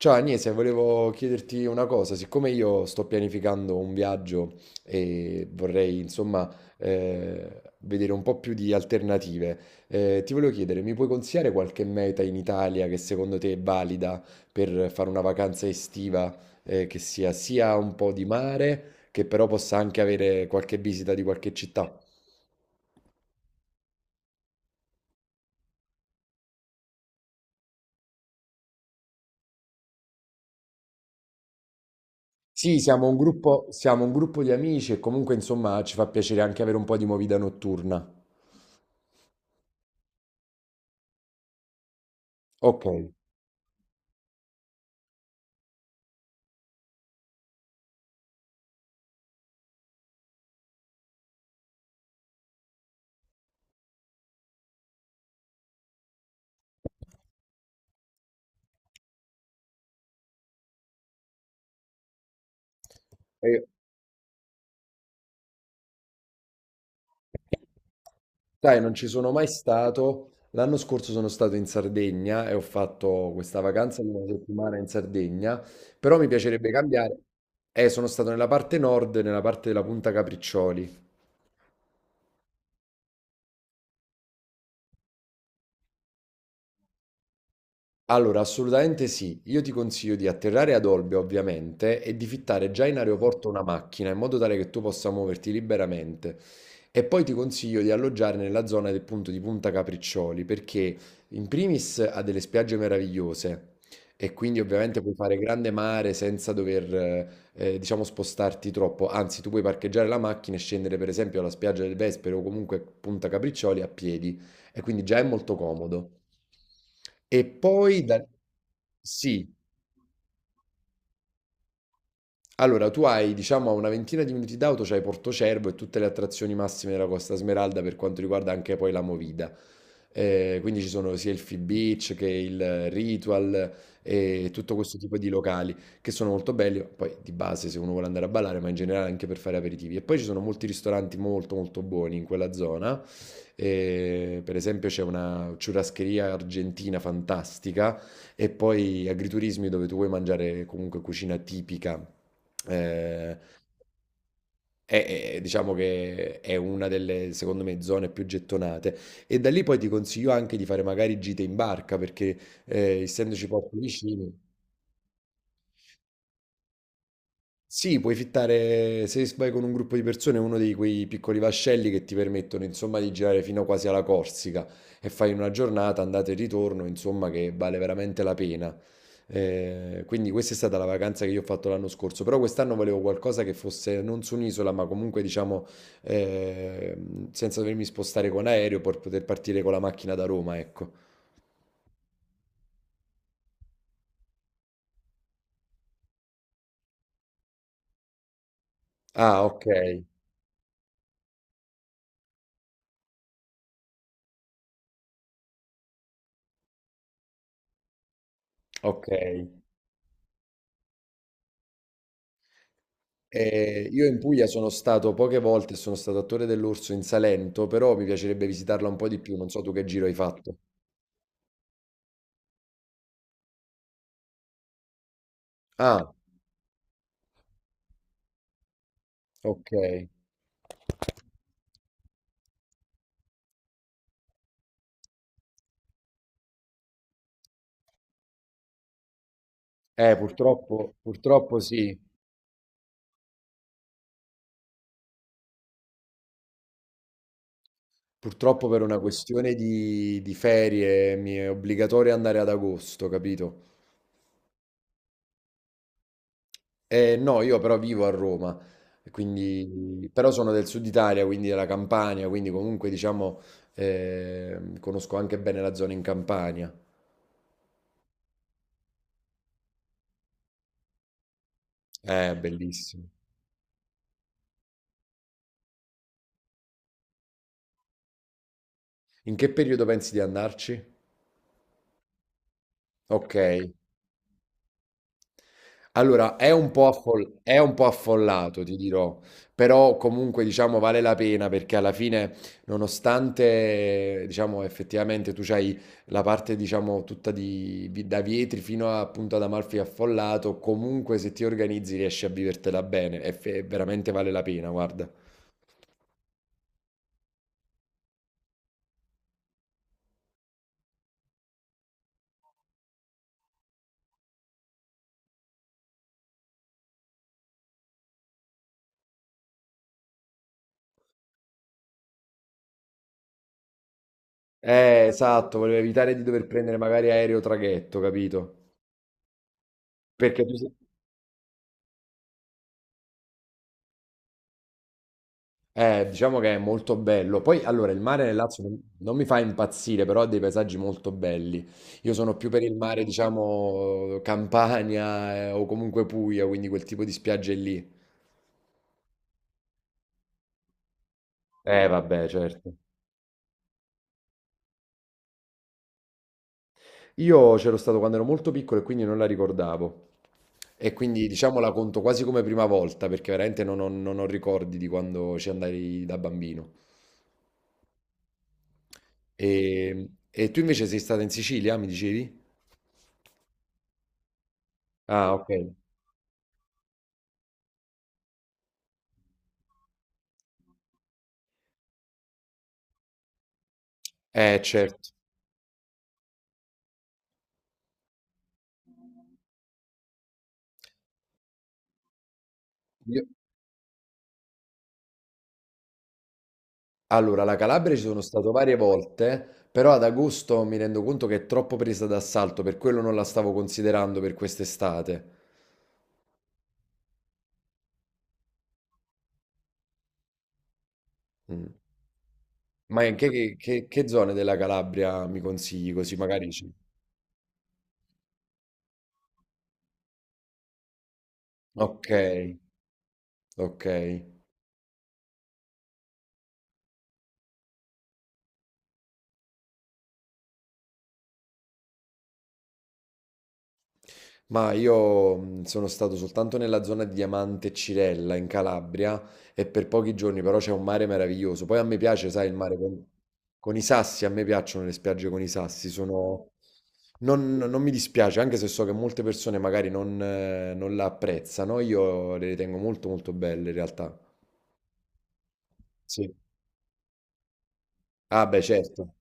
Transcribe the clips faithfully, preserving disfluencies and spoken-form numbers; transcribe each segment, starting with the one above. Ciao Agnese, volevo chiederti una cosa, siccome io sto pianificando un viaggio e vorrei insomma eh, vedere un po' più di alternative, eh, ti volevo chiedere, mi puoi consigliare qualche meta in Italia che secondo te è valida per fare una vacanza estiva eh, che sia sia un po' di mare, che però possa anche avere qualche visita di qualche città? Sì, siamo un gruppo, siamo un gruppo di amici e comunque insomma ci fa piacere anche avere un po' di movida notturna. Ok. E- Sai, non ci sono mai stato. L'anno scorso sono stato in Sardegna e ho fatto questa vacanza di una settimana in Sardegna, però mi piacerebbe cambiare. Eh, sono stato nella parte nord, nella parte della Punta Capriccioli. Allora, assolutamente sì. Io ti consiglio di atterrare ad Olbia, ovviamente, e di fittare già in aeroporto una macchina in modo tale che tu possa muoverti liberamente. E poi ti consiglio di alloggiare nella zona del punto di Punta Capriccioli, perché in primis ha delle spiagge meravigliose e quindi ovviamente puoi fare grande mare senza dover, eh, eh, diciamo, spostarti troppo. Anzi, tu puoi parcheggiare la macchina e scendere, per esempio, alla spiaggia del Vespero o comunque Punta Capriccioli a piedi e quindi già è molto comodo. E poi da... sì, allora, tu hai, diciamo, a una ventina di minuti d'auto, c'hai Portocervo e tutte le attrazioni massime della Costa Smeralda per quanto riguarda anche poi la movida. Eh, quindi ci sono sia il Free Beach che il Ritual e tutto questo tipo di locali che sono molto belli, poi di base se uno vuole andare a ballare, ma in generale anche per fare aperitivi. E poi ci sono molti ristoranti molto molto buoni in quella zona. Eh, per esempio c'è una churrascheria argentina fantastica e poi agriturismi dove tu vuoi mangiare comunque cucina tipica. Eh, è, è- diciamo che è una delle, secondo me, zone più gettonate. E da lì poi ti consiglio anche di fare magari gite in barca perché, eh, essendoci porti vicini. Sì, puoi fittare, se vai con un gruppo di persone, uno di quei piccoli vascelli che ti permettono, insomma, di girare fino quasi alla Corsica e fai una giornata, andata e ritorno, insomma, che vale veramente la pena. Eh, quindi questa è stata la vacanza che io ho fatto l'anno scorso, però quest'anno volevo qualcosa che fosse non su un'isola, ma comunque, diciamo, eh, senza dovermi spostare con aereo per poter partire con la macchina da Roma, ecco. Ah, ok, ok. Eh, io in Puglia sono stato poche volte, sono stato a Torre dell'Orso in Salento, però mi piacerebbe visitarla un po' di più. Non so tu che giro hai fatto. Ah, ok. Eh, purtroppo, purtroppo sì. Purtroppo per una questione di, di ferie mi è obbligatorio andare ad agosto, capito? Eh, no, io però vivo a Roma, quindi, però sono del sud Italia, quindi della Campania, quindi comunque diciamo eh, conosco anche bene la zona in Campania. Eh, bellissimo. In che periodo pensi di andarci? Ok, allora è un po' affol- è un po' affollato, ti dirò, però comunque diciamo vale la pena perché alla fine, nonostante diciamo effettivamente tu c'hai la parte diciamo tutta di, vi- da Vietri fino a, appunto ad Amalfi affollato, comunque se ti organizzi riesci a vivertela bene e fe- veramente vale la pena, guarda. Eh, esatto, volevo evitare di dover prendere magari aereo o traghetto, capito? Perché tu, Eh, diciamo che è molto bello. Poi, allora, il mare nel Lazio non, non mi fa impazzire, però ha dei paesaggi molto belli. Io sono più per il mare, diciamo, Campania, eh, o comunque Puglia, quindi quel tipo di spiagge lì. Eh, vabbè, certo. Io c'ero stato quando ero molto piccolo e quindi non la ricordavo. E quindi, diciamo, la conto quasi come prima volta, perché veramente non ho, non ho ricordi di quando ci andai da bambino. E, e tu invece sei stata in Sicilia, mi dicevi? Ah, ok. Eh, certo. Io- Allora, la Calabria ci sono stato varie volte, però ad agosto mi rendo conto che è troppo presa d'assalto, per quello non la stavo considerando per quest'estate. Mm. Ma in che, che, che che zone della Calabria mi consigli così magari ci... Ok, ok. Ma io mh, sono stato soltanto nella zona di Diamante e Cirella in Calabria e per pochi giorni, però c'è un mare meraviglioso. Poi a me piace, sai, il mare con, con i sassi, a me piacciono le spiagge con i sassi, sono... non, non mi dispiace, anche se so che molte persone magari non, eh, non la apprezzano, io le ritengo molto molto belle in realtà. Sì. Ah, beh, certo.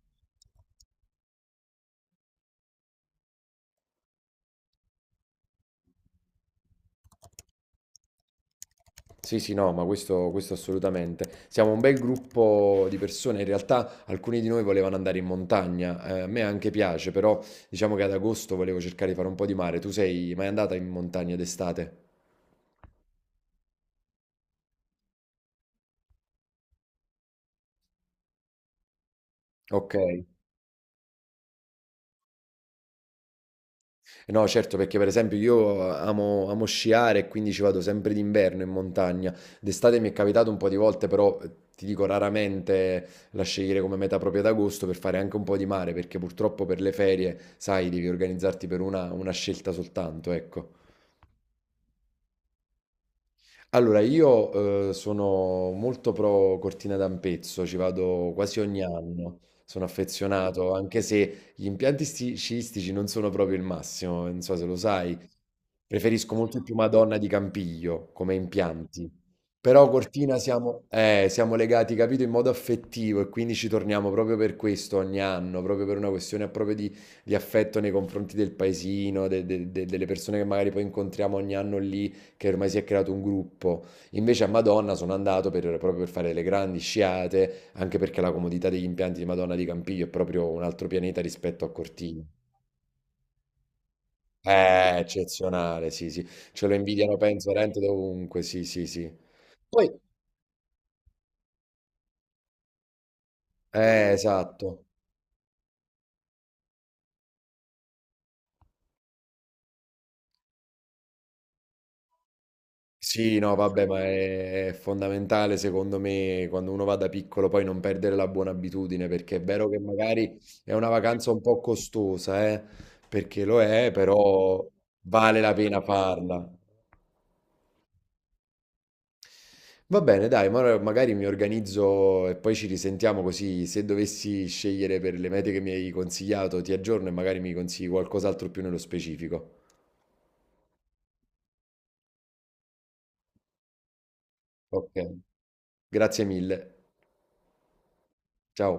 Sì, sì, no, ma questo, questo assolutamente. Siamo un bel gruppo di persone, in realtà alcuni di noi volevano andare in montagna, eh, a me anche piace, però diciamo che ad agosto volevo cercare di fare un po' di mare. Tu sei mai andata in montagna d'estate? Ok. Eh, No, certo, perché per esempio io amo, amo sciare e quindi ci vado sempre d'inverno in montagna. D'estate mi è capitato un po' di volte, però eh, ti dico raramente la scegliere come meta propria d'agosto per fare anche un po' di mare, perché purtroppo per le ferie, sai, devi organizzarti per una, una scelta soltanto, ecco. Allora, io eh, sono molto pro Cortina d'Ampezzo, ci vado quasi ogni anno, sono affezionato, anche se gli impianti sti- sciistici non sono proprio il massimo, non so se lo sai, preferisco molto più Madonna di Campiglio come impianti, però Cortina siamo, eh, siamo legati, capito, in modo affettivo e quindi ci torniamo proprio per questo ogni anno, proprio per una questione proprio di, di affetto nei confronti del paesino, de- de- de- delle persone che magari poi incontriamo ogni anno lì che ormai si è creato un gruppo. Invece a Madonna sono andato per- proprio per fare le grandi sciate, anche perché la comodità degli impianti di Madonna di Campiglio è proprio un altro pianeta rispetto a Cortina. È eccezionale, sì, sì. Ce lo invidiano, penso, veramente dovunque, sì, sì, sì. Poi, eh, esatto. Sì, no, vabbè, ma è è fondamentale secondo me quando uno va da piccolo poi non perdere la buona abitudine, perché è vero che magari è una vacanza un po' costosa, eh, perché lo è, però vale la pena farla. Va bene, dai, ma ora magari mi organizzo e poi ci risentiamo così se dovessi scegliere per le mete che mi hai consigliato, ti aggiorno e magari mi consigli qualcos'altro più nello specifico. Ok, grazie mille. Ciao.